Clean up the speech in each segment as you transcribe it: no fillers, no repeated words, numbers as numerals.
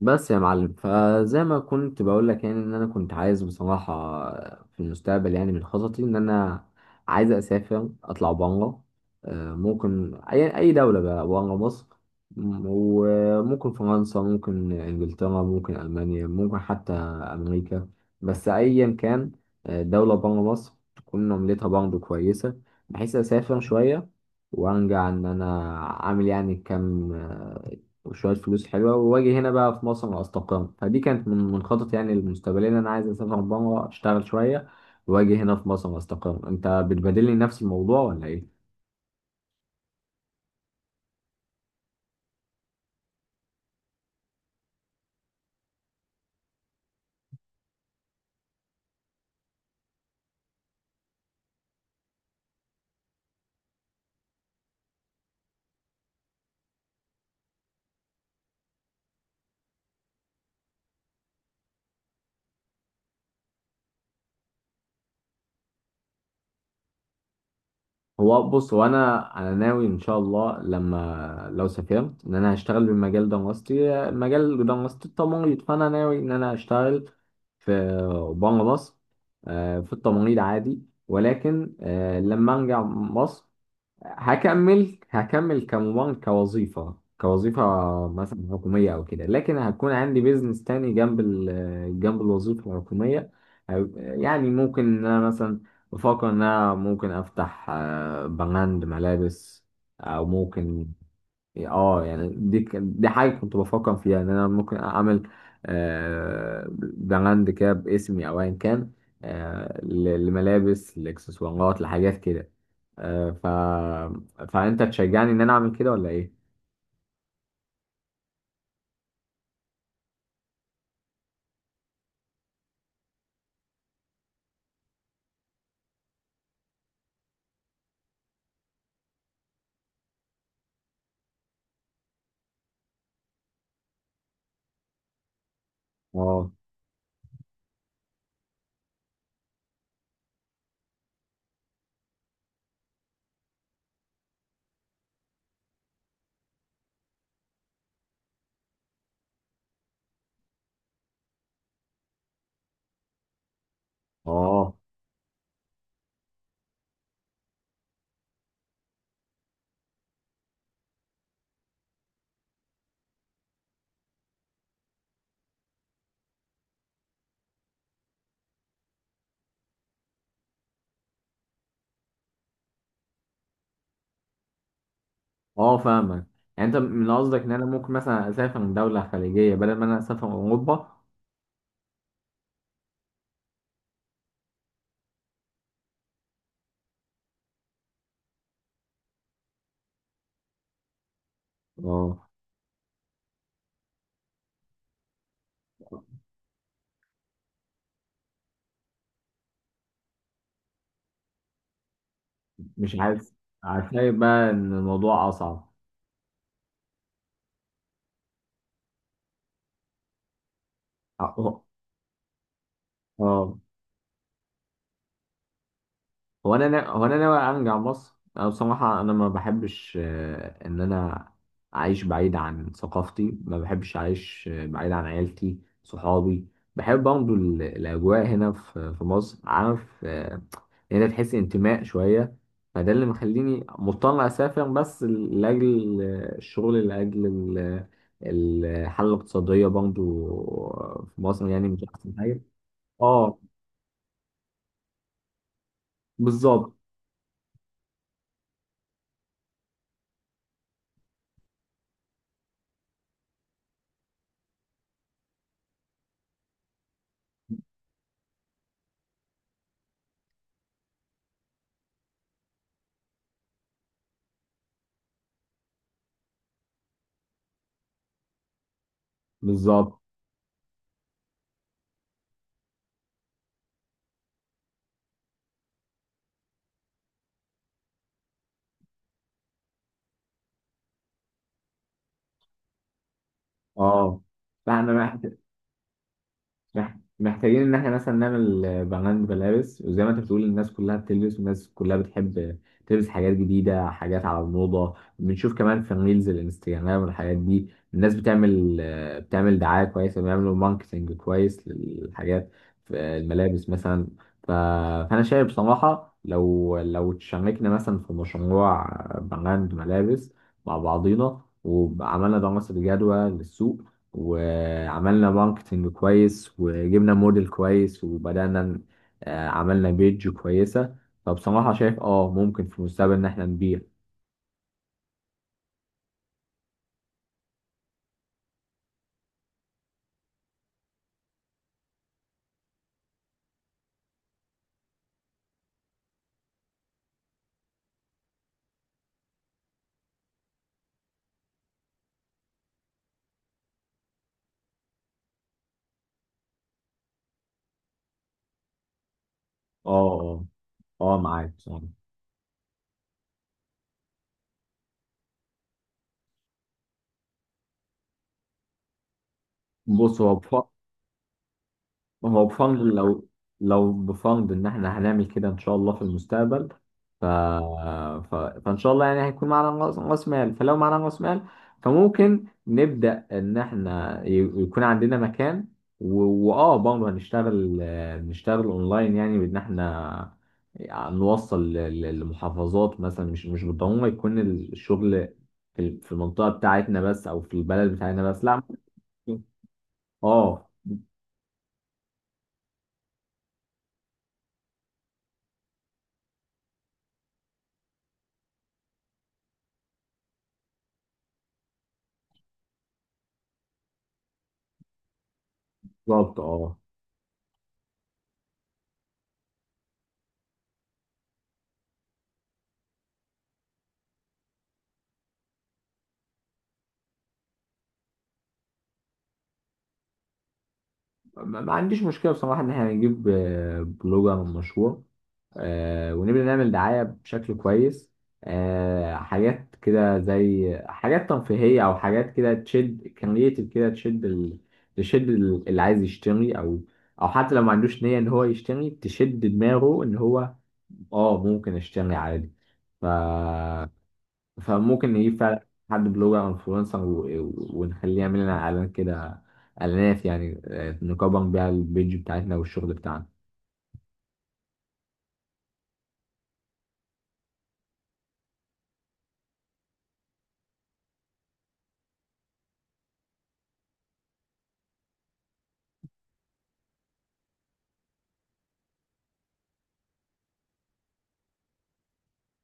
بس يا معلم فزي ما كنت بقول لك، يعني ان انا كنت عايز بصراحه في المستقبل، يعني من خططي ان انا عايز اسافر اطلع بره. ممكن اي دوله بقى بره مصر. وممكن فرنسا، ممكن انجلترا، ممكن المانيا، ممكن حتى امريكا. بس ايا كان، دوله بره مصر تكون عملتها برضه كويسه، بحيث اسافر شويه وارجع ان انا عامل يعني كام وشوية فلوس حلوة، وأجي هنا بقى في مصر أستقر. فدي كانت من خططي يعني المستقبلية، إن أنا عايز أسافر بره أشتغل شوية وأجي هنا في مصر أستقر. أنت بتبادلني نفس الموضوع ولا إيه؟ هو بص، هو أنا ناوي إن شاء الله لما لو سافرت إن أنا هشتغل بالمجال دراستي، مجال دراستي التمريض، فأنا ناوي إن أنا أشتغل في بره مصر. في التمريض عادي. ولكن لما أرجع مصر هكمل كوظيفة كوظيفة مثلا حكومية أو كده، لكن هتكون عندي بيزنس تاني جنب جنب الوظيفة الحكومية. يعني ممكن إن أنا مثلا بفكر إن أنا ممكن أفتح براند ملابس، أو ممكن يعني، اه يعني دي دي حاجة كنت بفكر فيها ان انا ممكن اعمل آه، براند كده باسمي او ايا كان. لملابس، لاكسسوارات، لحاجات كده. آه، ف فانت تشجعني ان انا اعمل كده ولا ايه؟ اه اه اه، فاهمك. يعني انت من قصدك ان انا ممكن مثلا اسافر من دولة خليجية بدل ما انا اسافر اوروبا؟ اه، مش عارف. عارف بقى ان الموضوع اصعب. اه. آه. هو انا هو انا ناوي ارجع مصر. انا بصراحه انا ما بحبش ان انا اعيش بعيد عن ثقافتي. ما بحبش اعيش بعيد عن عيلتي، صحابي. بحب برضه الاجواء هنا في مصر، عارف، هنا تحس انتماء شويه. فده اللي مخليني مضطر اسافر، بس لاجل الشغل، لاجل الحاله الاقتصاديه برضه في مصر يعني مش احسن حاجه. اه، بالظبط. بالظبط. اه. فاحنا محتاجين ان احنا مثلا نعمل براند ملابس، وزي ما انت بتقول الناس كلها بتلبس، والناس كلها بتحب تلبس حاجات جديده، حاجات على الموضه. بنشوف كمان في الريلز الانستجرام والحاجات دي الناس بتعمل بتعمل دعايه كويسه، بيعملوا ماركتنج كويس للحاجات في الملابس مثلا. ف- فانا شايف بصراحه لو تشاركنا مثلا في مشروع براند ملابس مع بعضينا، وعملنا دراسه جدوى للسوق، وعملنا ماركتنج كويس، وجبنا موديل كويس، وبدأنا عملنا بيج كويسة، فبصراحة شايف اه ممكن في المستقبل ان احنا نبيع. اه اه، معاك بصراحة. بص هو ما هو بفضل لو بفضل ان احنا هنعمل كده ان شاء الله في المستقبل. ف... ف... فان شاء الله يعني هيكون معانا رأس مال. فلو معانا راس مال فممكن نبدا ان احنا يكون عندنا مكان، و... واه برضه هنشتغل، نشتغل اونلاين يعني بان احنا نوصل لمحافظات مثلا. مش بالضروره يكون الشغل في المنطقه بتاعتنا بس، او في البلد بتاعتنا بس، لا. ممكن. اه، بالظبط. اه. ما عنديش مشكلة بصراحة إن إحنا هنجيب بلوجر مشهور ونبدأ نعمل دعاية بشكل كويس. حاجات كده زي حاجات ترفيهية، أو حاجات كده تشد كرييتيف، كده تشد اللي عايز يشتري، أو أو حتى لو ما عندوش نية إن هو يشتري تشد دماغه إن هو آه ممكن أشتري عادي. ف فممكن نجيب فعلا حد بلوجر او انفلونسر، ونخليه يعمل لنا اعلان كده، اعلانات يعني، نكبر بيها البيج بتاعتنا والشغل بتاعنا.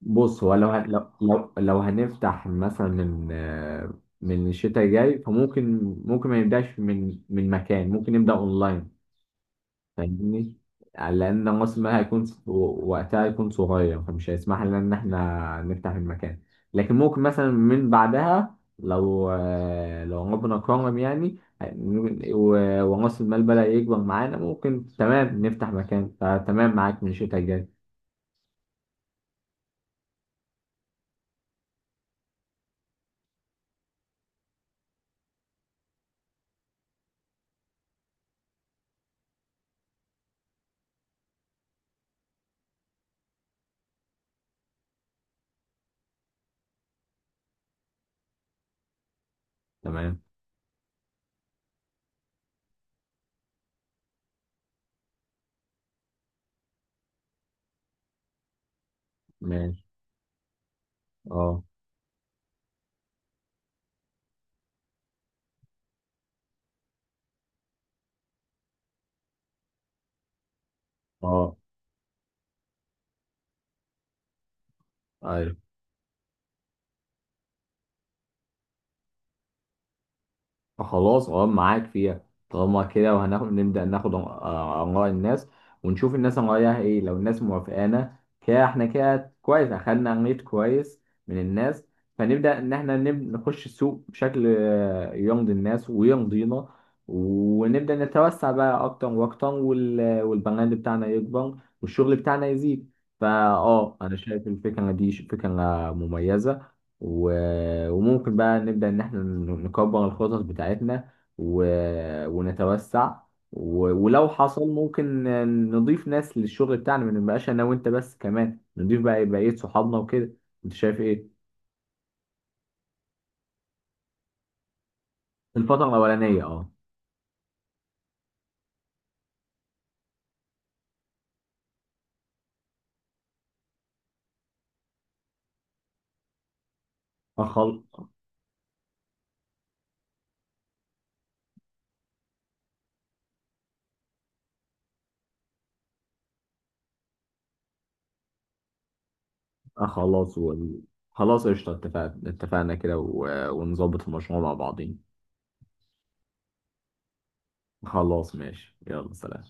بص، هو لو لو هنفتح مثلا من من الشتاء الجاي، فممكن ممكن ما نبداش من مكان، ممكن نبدا اونلاين. فاهمني؟ يعني لأن موسمها هيكون وقتها هيكون صغير، فمش هيسمح لنا إن إحنا نفتح المكان. لكن ممكن مثلا من بعدها لو ربنا كرم يعني، و- ورأس المال بدأ يكبر معانا، ممكن تمام نفتح مكان. فتمام معاك من الشتاء الجاي. تمام، ماشي. اه، اه، أيوة. خلاص، اه، معاك فيها. طالما كده وهناخد نبدأ ناخد آراء الناس ونشوف الناس رأيها ايه، لو الناس موافقانا كده احنا كده كويس، اخدنا ريت كويس من الناس. فنبدأ ان احنا نخش السوق بشكل يرضي الناس ويرضينا، ونبدأ نتوسع بقى اكتر واكتر، والبراند بتاعنا يكبر والشغل بتاعنا يزيد. فا اه انا شايف الفكرة دي فكرة مميزة، وممكن بقى نبدأ إن إحنا نكبر الخطط بتاعتنا و... ونتوسع، و... ولو حصل ممكن نضيف ناس للشغل بتاعنا، ما نبقاش أنا وأنت بس، كمان نضيف بقى بقية صحابنا وكده. أنت شايف إيه؟ الفترة الأولانية، أه. أخل... خلاص خلاص قشطة، اتفقنا، اتفقنا كده، و... ونظبط المشروع مع بعضين. خلاص ماشي، يلا سلام.